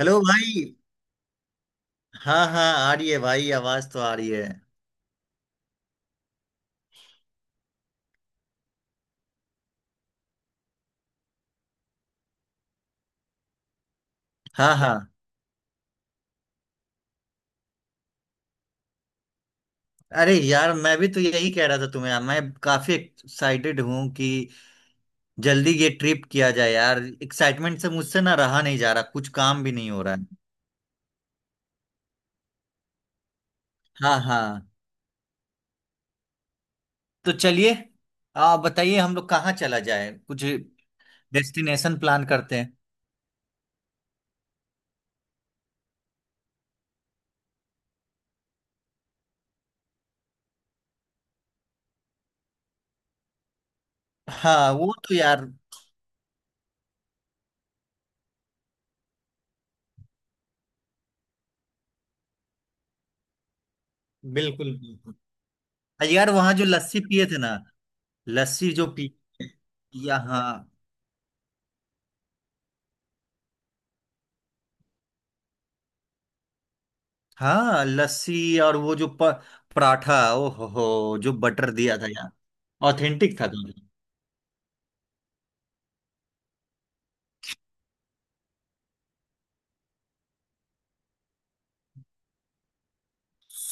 Hello भाई। हाँ हाँ आ रही है भाई, आवाज तो आ रही है। हाँ हाँ, अरे यार मैं भी तो यही कह रहा था तुम्हें, मैं काफी एक्साइटेड हूँ कि जल्दी ये ट्रिप किया जाए यार। एक्साइटमेंट से मुझसे ना रहा नहीं जा रहा, कुछ काम भी नहीं हो रहा है। हाँ हाँ, तो चलिए आप बताइए हम लोग कहाँ चला जाए, कुछ डेस्टिनेशन प्लान करते हैं। हाँ वो तो यार, बिल्कुल बिल्कुल। अरे यार वहाँ जो लस्सी पिए थे ना। लस्सी जो पी। या हाँ, हाँ लस्सी, और वो जो पराठा, ओ हो जो बटर दिया था यार। ऑथेंटिक था दोनों।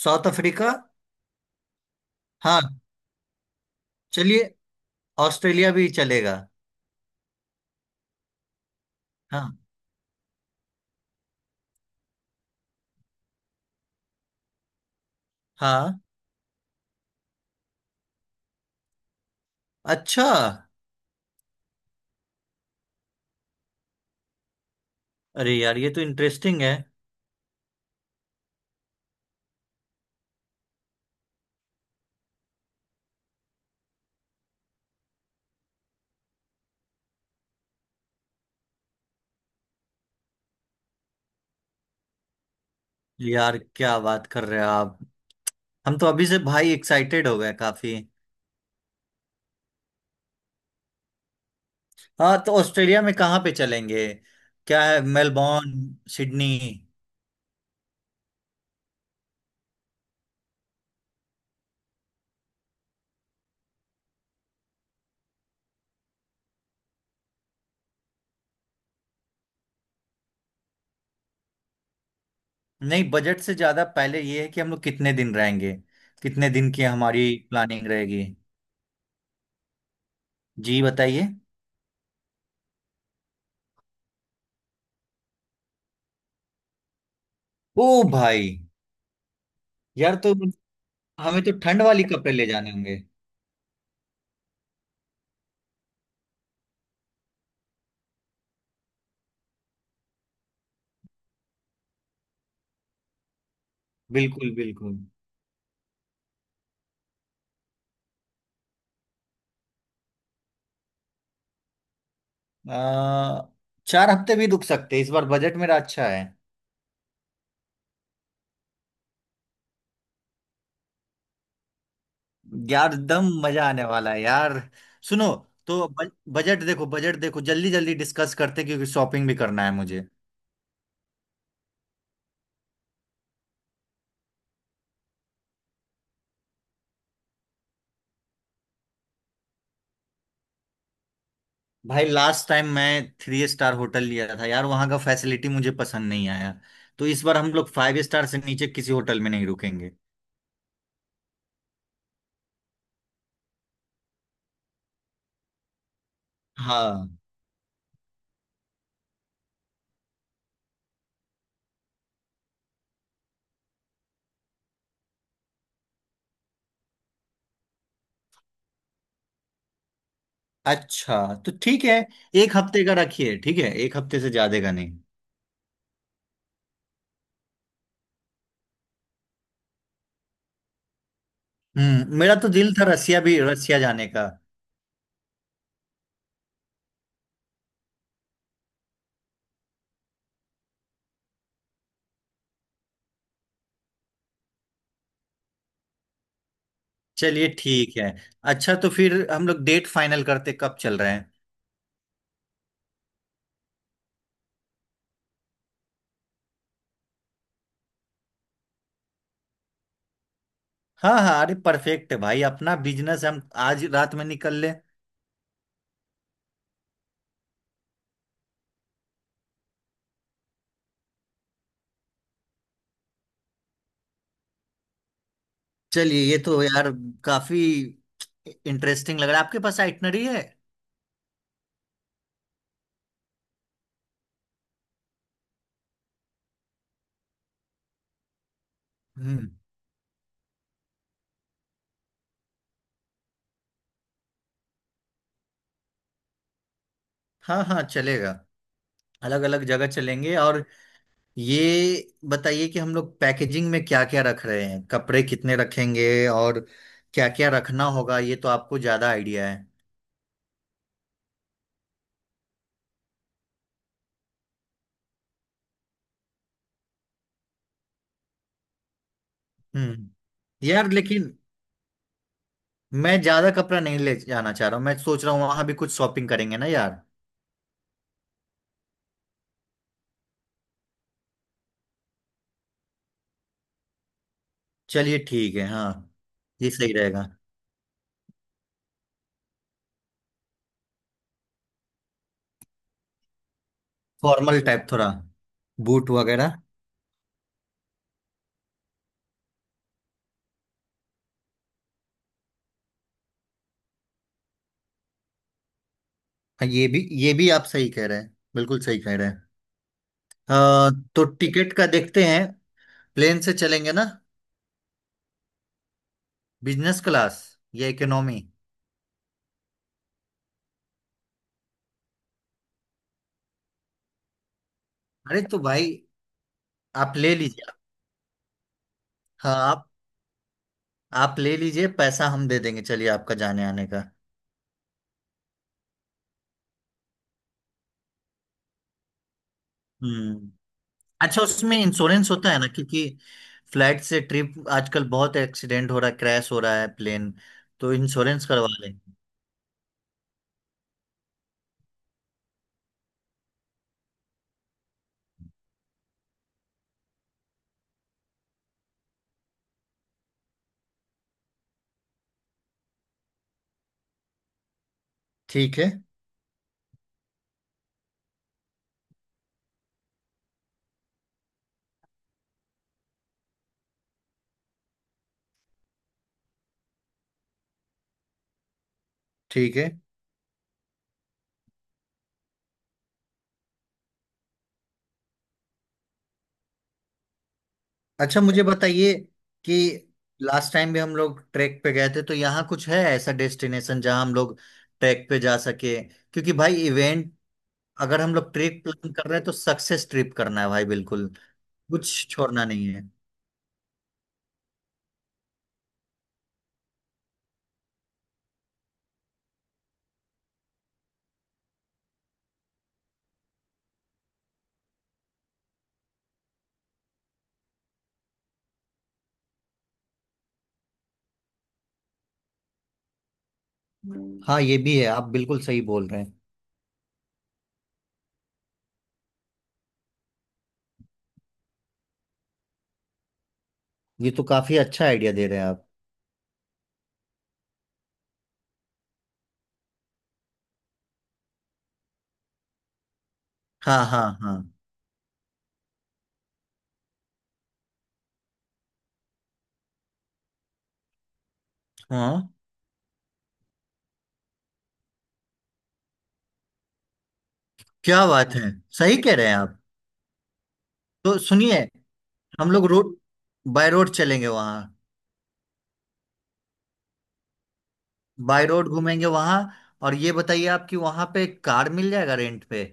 South Africa. हाँ चलिए, ऑस्ट्रेलिया भी चलेगा। हाँ हाँ, अच्छा। अरे यार ये तो इंटरेस्टिंग है। यार क्या बात कर रहे हो आप, हम तो अभी से भाई एक्साइटेड हो गए काफी। हाँ तो ऑस्ट्रेलिया में कहाँ पे चलेंगे, क्या है, मेलबोर्न, सिडनी? नहीं बजट से ज्यादा पहले ये है कि हम लोग कितने दिन रहेंगे, कितने दिन की हमारी प्लानिंग रहेगी। जी बताइए। ओ भाई। यार तो हमें तो ठंड वाली कपड़े ले जाने होंगे। बिल्कुल बिल्कुल। आ, 4 हफ्ते भी रुक सकते हैं। इस बार बजट मेरा अच्छा है। यार एकदम मजा आने वाला है यार। सुनो। तो बजट देखो, बजट देखो जल्दी जल्दी डिस्कस करते हैं, क्योंकि शॉपिंग भी करना है मुझे। भाई लास्ट टाइम मैं थ्री स्टार होटल लिया था यार, वहां का फैसिलिटी मुझे पसंद नहीं आया। तो इस बार हम लोग फाइव स्टार से नीचे किसी होटल में नहीं रुकेंगे। हाँ अच्छा, तो ठीक है, एक हफ्ते का रखिए, ठीक है एक हफ्ते से ज्यादा का नहीं। मेरा तो दिल था रसिया भी, रसिया जाने का। चलिए ठीक है। अच्छा तो फिर हम लोग डेट फाइनल करते, कब चल रहे हैं? हाँ हाँ अरे परफेक्ट है भाई, अपना बिजनेस हम आज रात में निकल ले। चलिए ये तो यार काफी इंटरेस्टिंग लग रहा है, आपके पास आइटनरी है? हम्म। हाँ हाँ चलेगा, अलग अलग जगह चलेंगे और ये बताइए कि हम लोग पैकेजिंग में क्या क्या रख रहे हैं, कपड़े कितने रखेंगे और क्या क्या रखना होगा, ये तो आपको ज्यादा आइडिया है। हम्म। यार लेकिन मैं ज्यादा कपड़ा नहीं ले जाना चाह रहा हूँ, मैं सोच रहा हूँ वहां भी कुछ शॉपिंग करेंगे ना यार। चलिए ठीक है हाँ, ये सही रहेगा। फॉर्मल टाइप थोड़ा, बूट वगैरह। हाँ ये भी आप सही कह रहे हैं, बिल्कुल सही कह रहे हैं। अ, तो टिकट का देखते हैं, प्लेन से चलेंगे ना, बिजनेस क्लास या इकोनॉमी? अरे तो भाई आप ले लीजिए। हाँ आप ले लीजिए, पैसा हम दे देंगे चलिए, आपका जाने आने का। हम्म। अच्छा उसमें इंश्योरेंस होता है ना, क्योंकि फ्लाइट से ट्रिप आजकल बहुत एक्सीडेंट हो रहा है, क्रैश हो रहा है प्लेन, तो इंश्योरेंस करवा लेंगे। ठीक है ठीक है। अच्छा मुझे बताइए कि लास्ट टाइम भी हम लोग ट्रैक पे गए थे, तो यहाँ कुछ है ऐसा डेस्टिनेशन जहाँ हम लोग ट्रैक पे जा सके, क्योंकि भाई इवेंट अगर हम लोग ट्रिप प्लान कर रहे हैं तो सक्सेस ट्रिप करना है भाई, बिल्कुल कुछ छोड़ना नहीं है। हाँ ये भी है, आप बिल्कुल सही बोल रहे हैं। ये तो काफी अच्छा आइडिया दे रहे हैं आप। हाँ हाँ हाँ हाँ। क्या बात है, सही कह रहे हैं आप। तो सुनिए हम लोग रोड, बाय रोड चलेंगे वहाँ, बाय रोड घूमेंगे वहाँ। और ये बताइए आप कि वहाँ पे कार मिल जाएगा रेंट पे?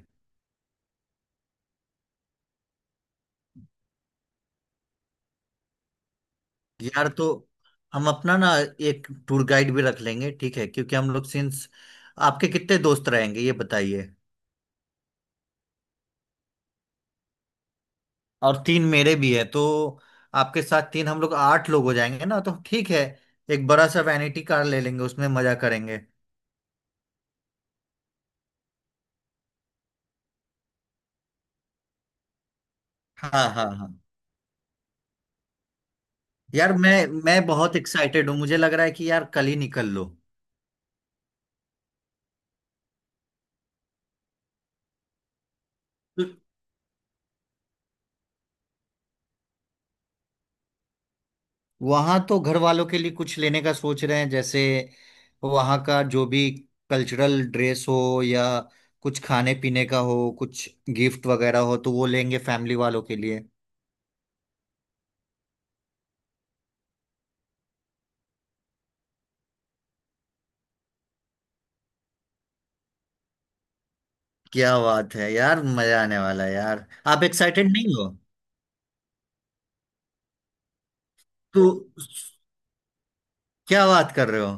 यार तो हम अपना ना एक टूर गाइड भी रख लेंगे, ठीक है, क्योंकि हम लोग सिंस, आपके कितने दोस्त रहेंगे ये बताइए। और तीन मेरे भी है, तो आपके साथ तीन, हम लोग आठ लोग हो जाएंगे ना, तो ठीक है, एक बड़ा सा वैनिटी कार ले लेंगे, उसमें मजा करेंगे। हाँ हाँ हाँ। यार मैं बहुत एक्साइटेड हूँ, मुझे लग रहा है कि यार कल ही निकल लो। वहां तो घर वालों के लिए कुछ लेने का सोच रहे हैं, जैसे वहां का जो भी कल्चरल ड्रेस हो या कुछ खाने पीने का हो, कुछ गिफ्ट वगैरह हो, तो वो लेंगे फैमिली वालों के लिए। क्या बात है यार, मजा आने वाला है यार। आप एक्साइटेड नहीं हो? तो क्या बात कर रहे हो।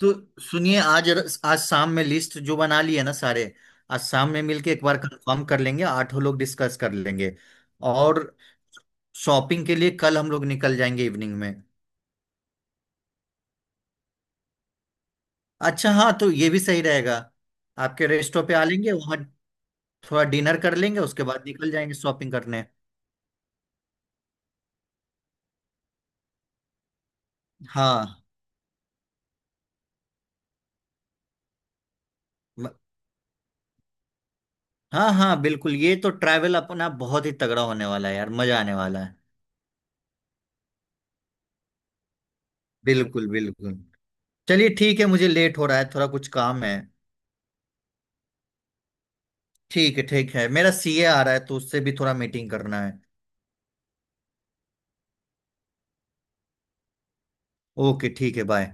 तो सुनिए आज, आज शाम में लिस्ट जो बना ली है ना सारे, आज शाम में मिलके एक बार कंफर्म कर लेंगे, आठों लोग डिस्कस कर लेंगे। और शॉपिंग के लिए कल हम लोग निकल जाएंगे इवनिंग में। अच्छा हाँ, तो ये भी सही रहेगा, आपके रेस्टों पे आ लेंगे वहाँ, थोड़ा डिनर कर लेंगे उसके बाद निकल जाएंगे शॉपिंग करने। हाँ म- हाँ हाँ बिल्कुल, ये तो ट्रैवल अपना बहुत ही तगड़ा होने वाला है यार, मजा आने वाला है। बिल्कुल बिल्कुल। चलिए ठीक है, मुझे लेट हो रहा है थोड़ा, कुछ काम है। ठीक है ठीक है, मेरा सीए आ रहा है तो उससे भी थोड़ा मीटिंग करना है। ओके ठीक है बाय।